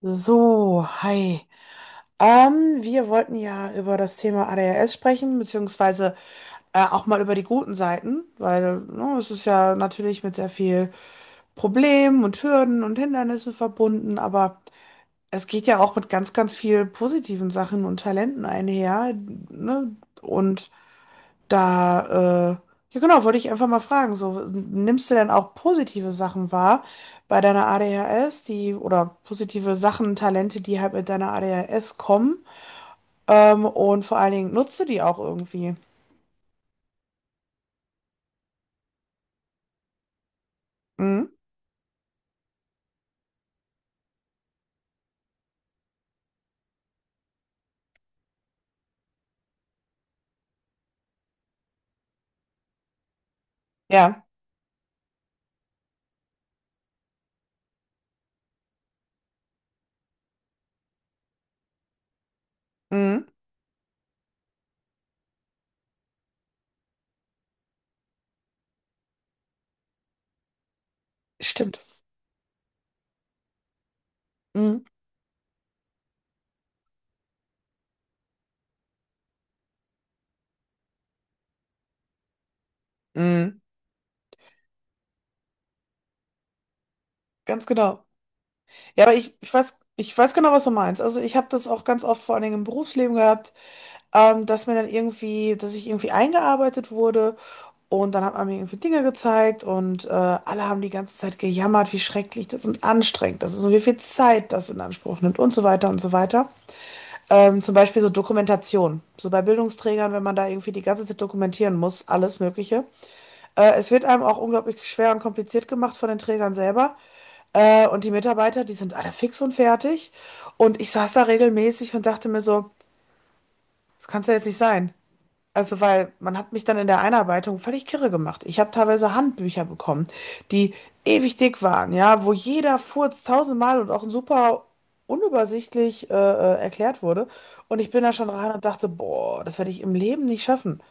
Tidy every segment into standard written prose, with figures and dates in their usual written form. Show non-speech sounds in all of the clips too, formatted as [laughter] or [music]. So, hi. Wir wollten ja über das Thema ADHS sprechen, beziehungsweise auch mal über die guten Seiten, weil ne, es ist ja natürlich mit sehr viel Problemen und Hürden und Hindernissen verbunden, aber es geht ja auch mit ganz, ganz viel positiven Sachen und Talenten einher, ne? Und da, ja genau, wollte ich einfach mal fragen, so, nimmst du denn auch positive Sachen wahr bei deiner ADHS, die, oder positive Sachen, Talente, die halt mit deiner ADHS kommen? Und vor allen Dingen nutzt du die auch irgendwie? Mhm. Ja. Mhm. Stimmt. Mhm. Mhm. Ganz genau. Ja, aber ich weiß, ich weiß genau, was du meinst. Also ich habe das auch ganz oft vor allen Dingen im Berufsleben gehabt. Dass mir dann irgendwie, dass ich irgendwie eingearbeitet wurde und dann hat man mir irgendwie Dinge gezeigt und alle haben die ganze Zeit gejammert, wie schrecklich das und anstrengend das ist und wie viel Zeit das in Anspruch nimmt und so weiter und so weiter. Zum Beispiel so Dokumentation. So bei Bildungsträgern, wenn man da irgendwie die ganze Zeit dokumentieren muss, alles Mögliche. Es wird einem auch unglaublich schwer und kompliziert gemacht von den Trägern selber. Und die Mitarbeiter, die sind alle fix und fertig. Und ich saß da regelmäßig und dachte mir so, das kann es ja jetzt nicht sein. Also, weil man hat mich dann in der Einarbeitung völlig kirre gemacht. Ich habe teilweise Handbücher bekommen, die ewig dick waren, ja, wo jeder Furz tausendmal und auch super unübersichtlich erklärt wurde. Und ich bin da schon rein und dachte, boah, das werde ich im Leben nicht schaffen.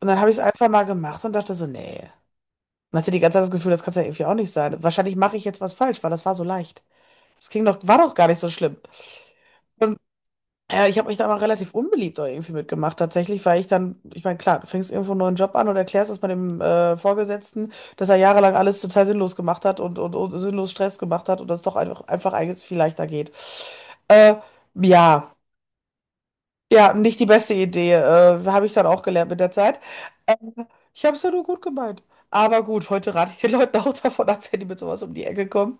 Und dann habe ich es ein, zwei Mal gemacht und dachte so, nee. Und hatte die ganze Zeit das Gefühl, das kann es ja irgendwie auch nicht sein. Wahrscheinlich mache ich jetzt was falsch, weil das war so leicht. Das ging doch, war doch gar nicht so schlimm. Ja, ich habe mich da aber relativ unbeliebt auch irgendwie mitgemacht. Tatsächlich, weil ich dann, ich meine, klar, du fängst irgendwo einen neuen Job an und erklärst es mal dem Vorgesetzten, dass er jahrelang alles total sinnlos gemacht hat und sinnlos Stress gemacht hat und das doch einfach, einfach eigentlich viel leichter geht. Äh, ja, ja, nicht die beste Idee. Habe ich dann auch gelernt mit der Zeit. Äh, ich habe es ja nur gut gemeint. Aber gut, heute rate ich den Leuten auch davon ab, wenn die mit sowas um die Ecke kommen.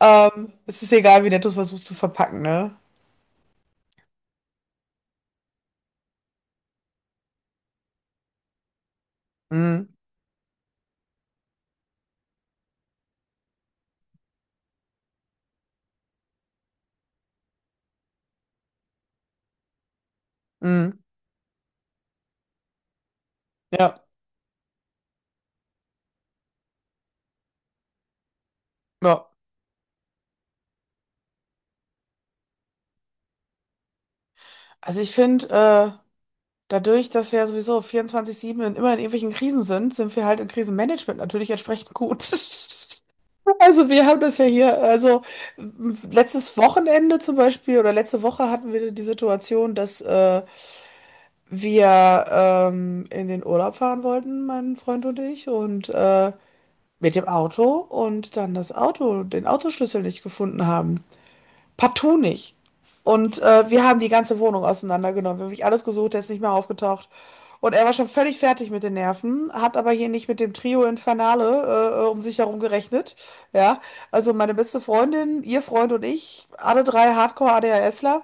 Es ist egal, wie nett du es versuchst zu verpacken, ne? Mm, mm, ja, ja. Also ich finde, dadurch, dass wir ja sowieso vierundzwanzig sieben immer in irgendwelchen Krisen sind, sind wir halt im Krisenmanagement natürlich entsprechend gut. [laughs] Also wir haben das ja hier, also letztes Wochenende zum Beispiel oder letzte Woche hatten wir die Situation, dass wir in den Urlaub fahren wollten, mein Freund und ich, und mit dem Auto und dann das Auto, den Autoschlüssel nicht gefunden haben. Partout nicht. Und wir haben die ganze Wohnung auseinandergenommen. Wir haben wirklich alles gesucht, der ist nicht mehr aufgetaucht. Und er war schon völlig fertig mit den Nerven, hat aber hier nicht mit dem Trio Infernale um sich herum gerechnet. Ja, also meine beste Freundin, ihr Freund und ich, alle drei Hardcore-ADHSler,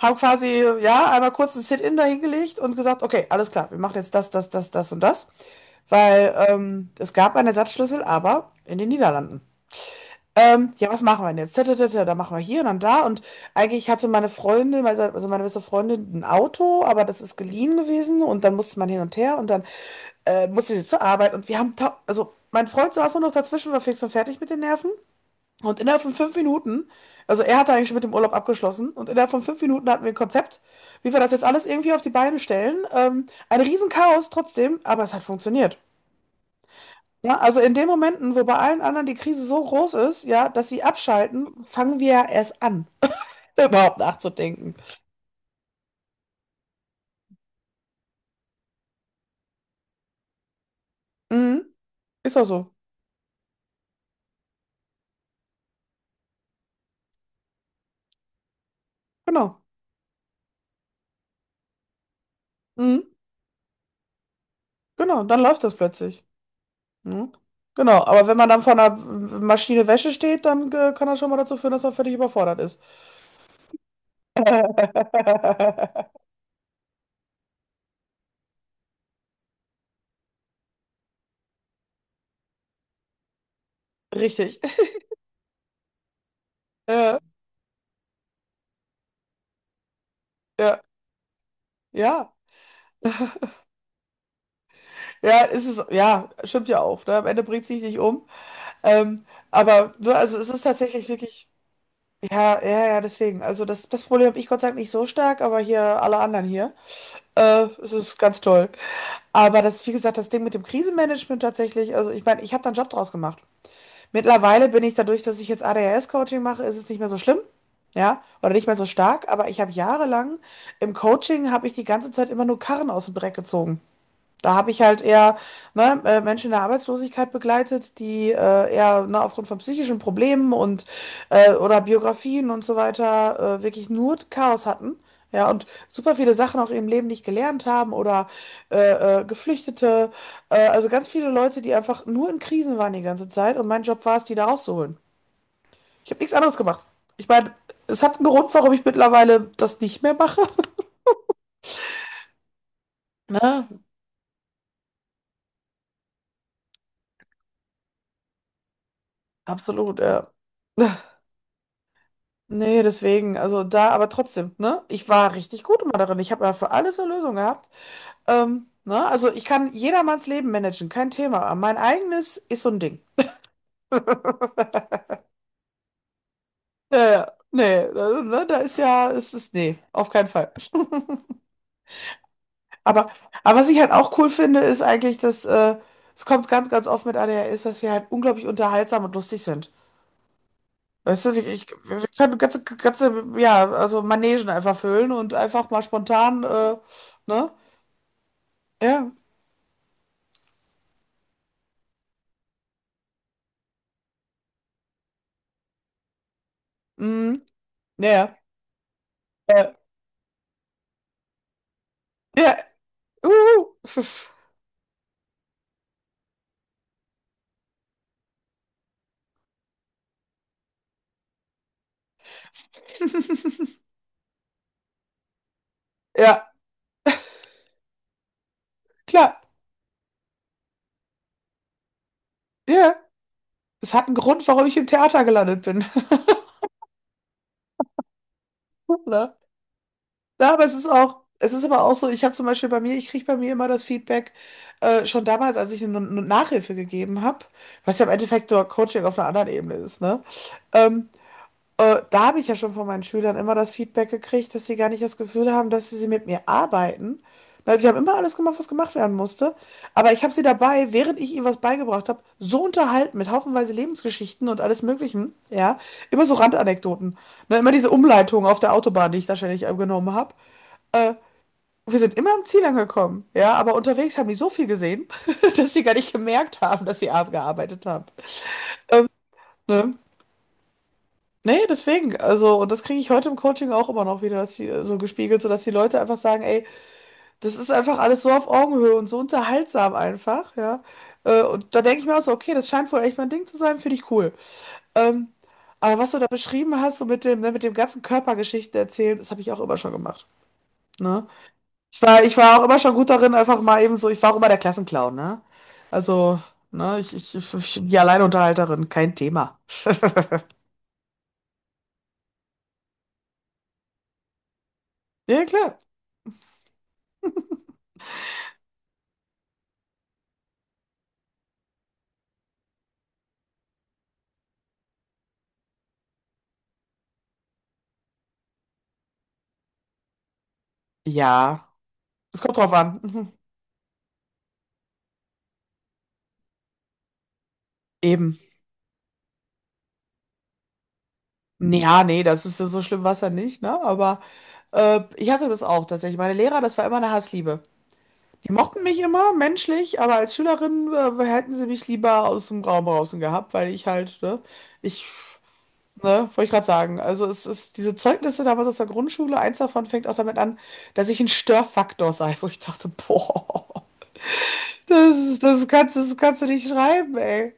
haben quasi, ja, einmal kurz ein Sit-in dahingelegt und gesagt, okay, alles klar, wir machen jetzt das, das, das, das und das. Weil es gab einen Ersatzschlüssel, aber in den Niederlanden. Ja, was machen wir denn jetzt? Tatatata, dann machen wir hier und dann da. Und eigentlich hatte meine Freundin, also meine beste Freundin, ein Auto, aber das ist geliehen gewesen und dann musste man hin und her und dann musste sie zur Arbeit und wir haben, also mein Freund saß nur noch dazwischen, war fix und fertig mit den Nerven und innerhalb von fünf Minuten, also er hatte eigentlich schon mit dem Urlaub abgeschlossen und innerhalb von fünf Minuten hatten wir ein Konzept, wie wir das jetzt alles irgendwie auf die Beine stellen. Ein Riesenchaos trotzdem, aber es hat funktioniert. Ja, also in den Momenten, wo bei allen anderen die Krise so groß ist, ja, dass sie abschalten, fangen wir ja erst an, [laughs] überhaupt nachzudenken. Mhm. Ist auch so. Genau. Mhm. Genau, dann läuft das plötzlich. Mhm. Genau, aber wenn man dann vor einer Maschine Wäsche steht, dann kann das schon mal dazu führen, dass man völlig überfordert ist. [laughs] Richtig. Ja, ja, ja, ja, ist es, ja, stimmt ja auch. Ne? Am Ende bringt sich nicht um. Ähm, aber ne, also es ist tatsächlich wirklich. Ja, ja, ja, deswegen. Also das, das Problem habe ich Gott sei Dank nicht so stark, aber hier alle anderen hier. Es ist ganz toll. Aber das, wie gesagt, das Ding mit dem Krisenmanagement tatsächlich, also ich meine, ich habe da einen Job draus gemacht. Mittlerweile bin ich dadurch, dass ich jetzt ADHS-Coaching mache, ist es nicht mehr so schlimm. Ja, oder nicht mehr so stark, aber ich habe jahrelang im Coaching habe ich die ganze Zeit immer nur Karren aus dem Dreck gezogen. Da habe ich halt eher ne, Menschen in der Arbeitslosigkeit begleitet, die eher ne, aufgrund von psychischen Problemen und oder Biografien und so weiter wirklich nur Chaos hatten. Ja, und super viele Sachen auch im Leben nicht gelernt haben oder Geflüchtete. Also ganz viele Leute, die einfach nur in Krisen waren die ganze Zeit. Und mein Job war es, die da rauszuholen. Ich habe nichts anderes gemacht. Ich meine, es hat einen Grund, warum ich mittlerweile das nicht mehr mache. Ne? Absolut, ja. Nee, deswegen, also da, aber trotzdem, ne? Ich war richtig gut immer darin. Ich habe ja für alles eine Lösung gehabt. Ne? Also ich kann jedermanns Leben managen, kein Thema. Aber mein eigenes ist so ein Ding. [laughs] Ja, ja. Nee, da, ne, da ist ja, es ist, nee, auf keinen Fall. [laughs] Aber, aber was ich halt auch cool finde, ist eigentlich, dass es kommt ganz, ganz oft mit ADHS, dass wir halt unglaublich unterhaltsam und lustig sind. Weißt du, wir können ganze, ganze, ja, also Manegen einfach füllen und einfach mal spontan, ne? Ja, mhm. Ja, ja. Ja. Ja. Uhu. [laughs] Ja, klar. Ja. Es hat einen Grund, warum ich im Theater gelandet bin, [laughs] ne? Ja, aber es ist auch es ist aber auch so, ich habe zum Beispiel bei mir ich kriege bei mir immer das Feedback, schon damals, als ich eine 'ne Nachhilfe gegeben habe, was ja im Endeffekt so Coaching auf einer anderen Ebene ist, ne? Ähm, da habe ich ja schon von meinen Schülern immer das Feedback gekriegt, dass sie gar nicht das Gefühl haben, dass sie mit mir arbeiten. Na, wir haben immer alles gemacht, was gemacht werden musste. Aber ich habe sie dabei, während ich ihnen was beigebracht habe, so unterhalten mit haufenweise Lebensgeschichten und alles Möglichen, ja, immer so Randanekdoten. Ne, immer diese Umleitung auf der Autobahn, die ich da ständig genommen habe. Äh, wir sind immer am Ziel angekommen, ja, aber unterwegs haben die so viel gesehen, [laughs] dass sie gar nicht gemerkt haben, dass sie abgearbeitet haben. Ne? Nee, deswegen. Also, und das kriege ich heute im Coaching auch immer noch wieder, dass die, so gespiegelt, so dass die Leute einfach sagen, ey, das ist einfach alles so auf Augenhöhe und so unterhaltsam einfach, ja. Und da denke ich mir auch so, okay, das scheint wohl echt mein Ding zu sein, finde ich cool. Ähm, aber was du da beschrieben hast, so mit dem, ne, mit dem ganzen Körpergeschichten erzählen, das habe ich auch immer schon gemacht. Ne? Ich war auch immer schon gut darin, einfach mal eben so, ich war auch immer der Klassenclown, ne? Also, ne, ich, die Alleinunterhalterin, kein Thema. Ja, klar. Ja, es kommt drauf an. [laughs] Mhm. Eben. Ja, nee, das ist ja so schlimm war es ja nicht, ne? Aber ich hatte das auch tatsächlich. Meine Lehrer, das war immer eine Hassliebe. Die mochten mich immer menschlich, aber als Schülerin hätten sie mich lieber aus dem Raum draußen gehabt, weil ich halt, ne, ich, ne, wollte ich gerade sagen. Also es ist diese Zeugnisse damals aus der Grundschule, eins davon fängt auch damit an, dass ich ein Störfaktor sei, wo ich dachte, boah, [laughs] das kannst du nicht schreiben, ey.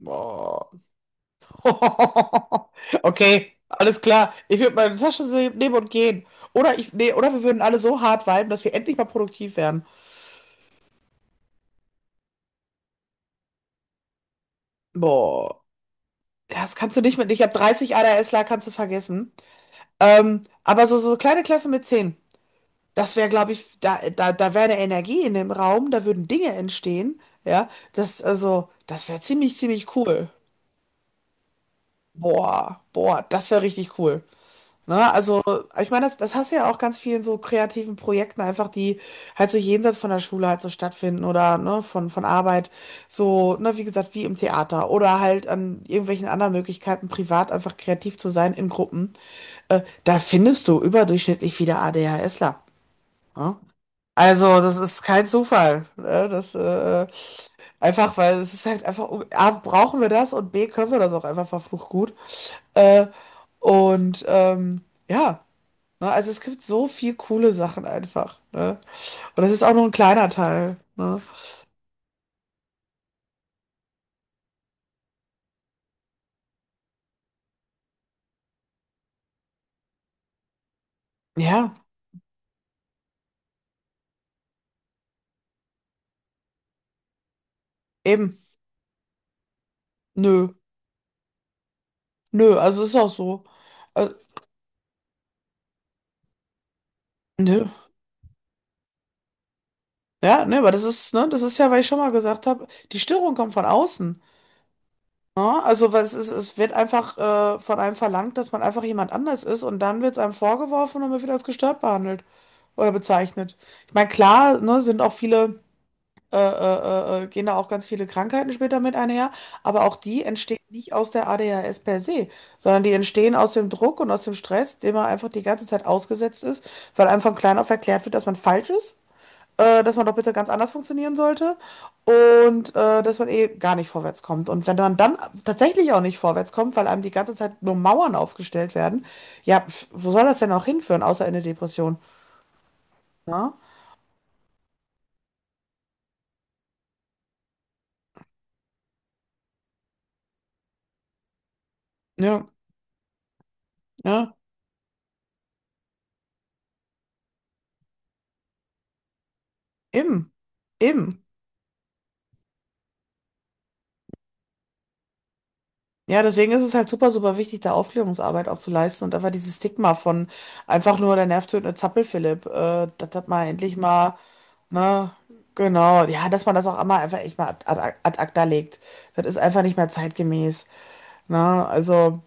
Boah. [laughs] Okay, alles klar. Ich würde meine Tasche nehmen und gehen. Oder wir würden alle so hart viben, dass wir endlich mal produktiv werden. Boah, Ja, das kannst du nicht mit. Ich habe 30 ADHSler, kannst du vergessen. Aber so, so kleine Klasse mit 10, das wäre, glaube ich, da wäre eine Energie in dem Raum, da würden Dinge entstehen. Ja, das, also, das wäre ziemlich, ziemlich cool. Boah, boah, das wäre richtig cool. Ne? Also, ich meine, das, das hast du ja auch ganz vielen so kreativen Projekten einfach, die halt so jenseits von der Schule halt so stattfinden oder ne, von Arbeit, so, ne, wie gesagt, wie im Theater oder halt an irgendwelchen anderen Möglichkeiten, privat einfach kreativ zu sein in Gruppen. Da findest du überdurchschnittlich viele ADHSler. Ne? Also, das ist kein Zufall. Ne? Das, einfach, weil es ist halt einfach, A, brauchen wir das und B, können wir das auch einfach verflucht gut. Äh, und ähm, ja. Ne? Also es gibt so viel coole Sachen einfach. Ne? Und das ist auch nur ein kleiner Teil. Ne? Ja, eben. Nö. Nö, also ist auch so. Äh, nö. Ja, ne, aber das ist, ne, das ist ja, weil ich schon mal gesagt habe, die Störung kommt von außen. Ne? Also was es, es wird einfach von einem verlangt, dass man einfach jemand anders ist und dann wird es einem vorgeworfen und man wird als gestört behandelt oder bezeichnet. Ich meine, klar, ne, sind auch viele. Gehen da auch ganz viele Krankheiten später mit einher, aber auch die entstehen nicht aus der ADHS per se, sondern die entstehen aus dem Druck und aus dem Stress, dem man einfach die ganze Zeit ausgesetzt ist, weil einem von klein auf erklärt wird, dass man falsch ist, dass man doch bitte ganz anders funktionieren sollte und dass man eh gar nicht vorwärts kommt. Und wenn man dann tatsächlich auch nicht vorwärts kommt, weil einem die ganze Zeit nur Mauern aufgestellt werden, ja, pf, wo soll das denn auch hinführen, außer in eine Depression? Na? Ja, ja, eben, eben. Ja, deswegen ist es halt super, super wichtig, da Aufklärungsarbeit auch zu leisten und einfach dieses Stigma von einfach nur der nervtötende Zappelphilipp, das hat mal endlich mal, ne, genau, ja, dass man das auch einmal einfach echt mal ad acta legt. Das ist einfach nicht mehr zeitgemäß, ne, also.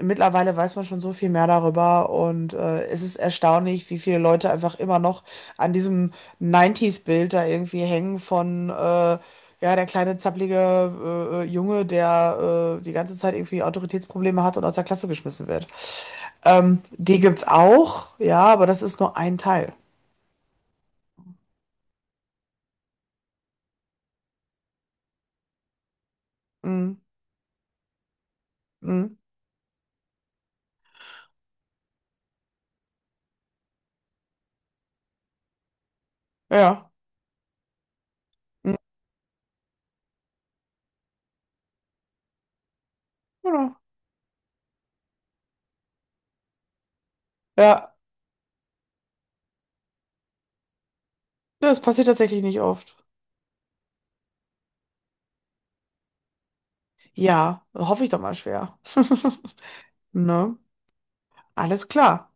Mittlerweile weiß man schon so viel mehr darüber und es ist erstaunlich, wie viele Leute einfach immer noch an diesem 90s-Bild da irgendwie hängen von, ja, der kleine zappelige Junge, der die ganze Zeit irgendwie Autoritätsprobleme hat und aus der Klasse geschmissen wird. Die gibt's auch, ja, aber das ist nur ein Teil. Mhm. Mhm. Ja. Mhm. Genau. Ja, das passiert tatsächlich nicht oft. Ja, hoffe ich doch mal schwer. [laughs] Ne? Alles klar.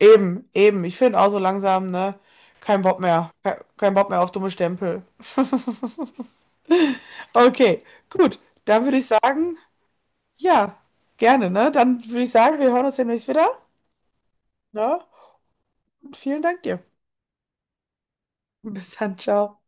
Eben, eben. Ich finde auch so langsam, ne? Kein Bock mehr. Kein Bock mehr auf dumme Stempel. [laughs] Okay, gut. Dann würde ich sagen, ja, gerne, ne? Dann würde ich sagen, wir hören uns demnächst wieder, ne? Und vielen Dank dir. Bis dann, ciao.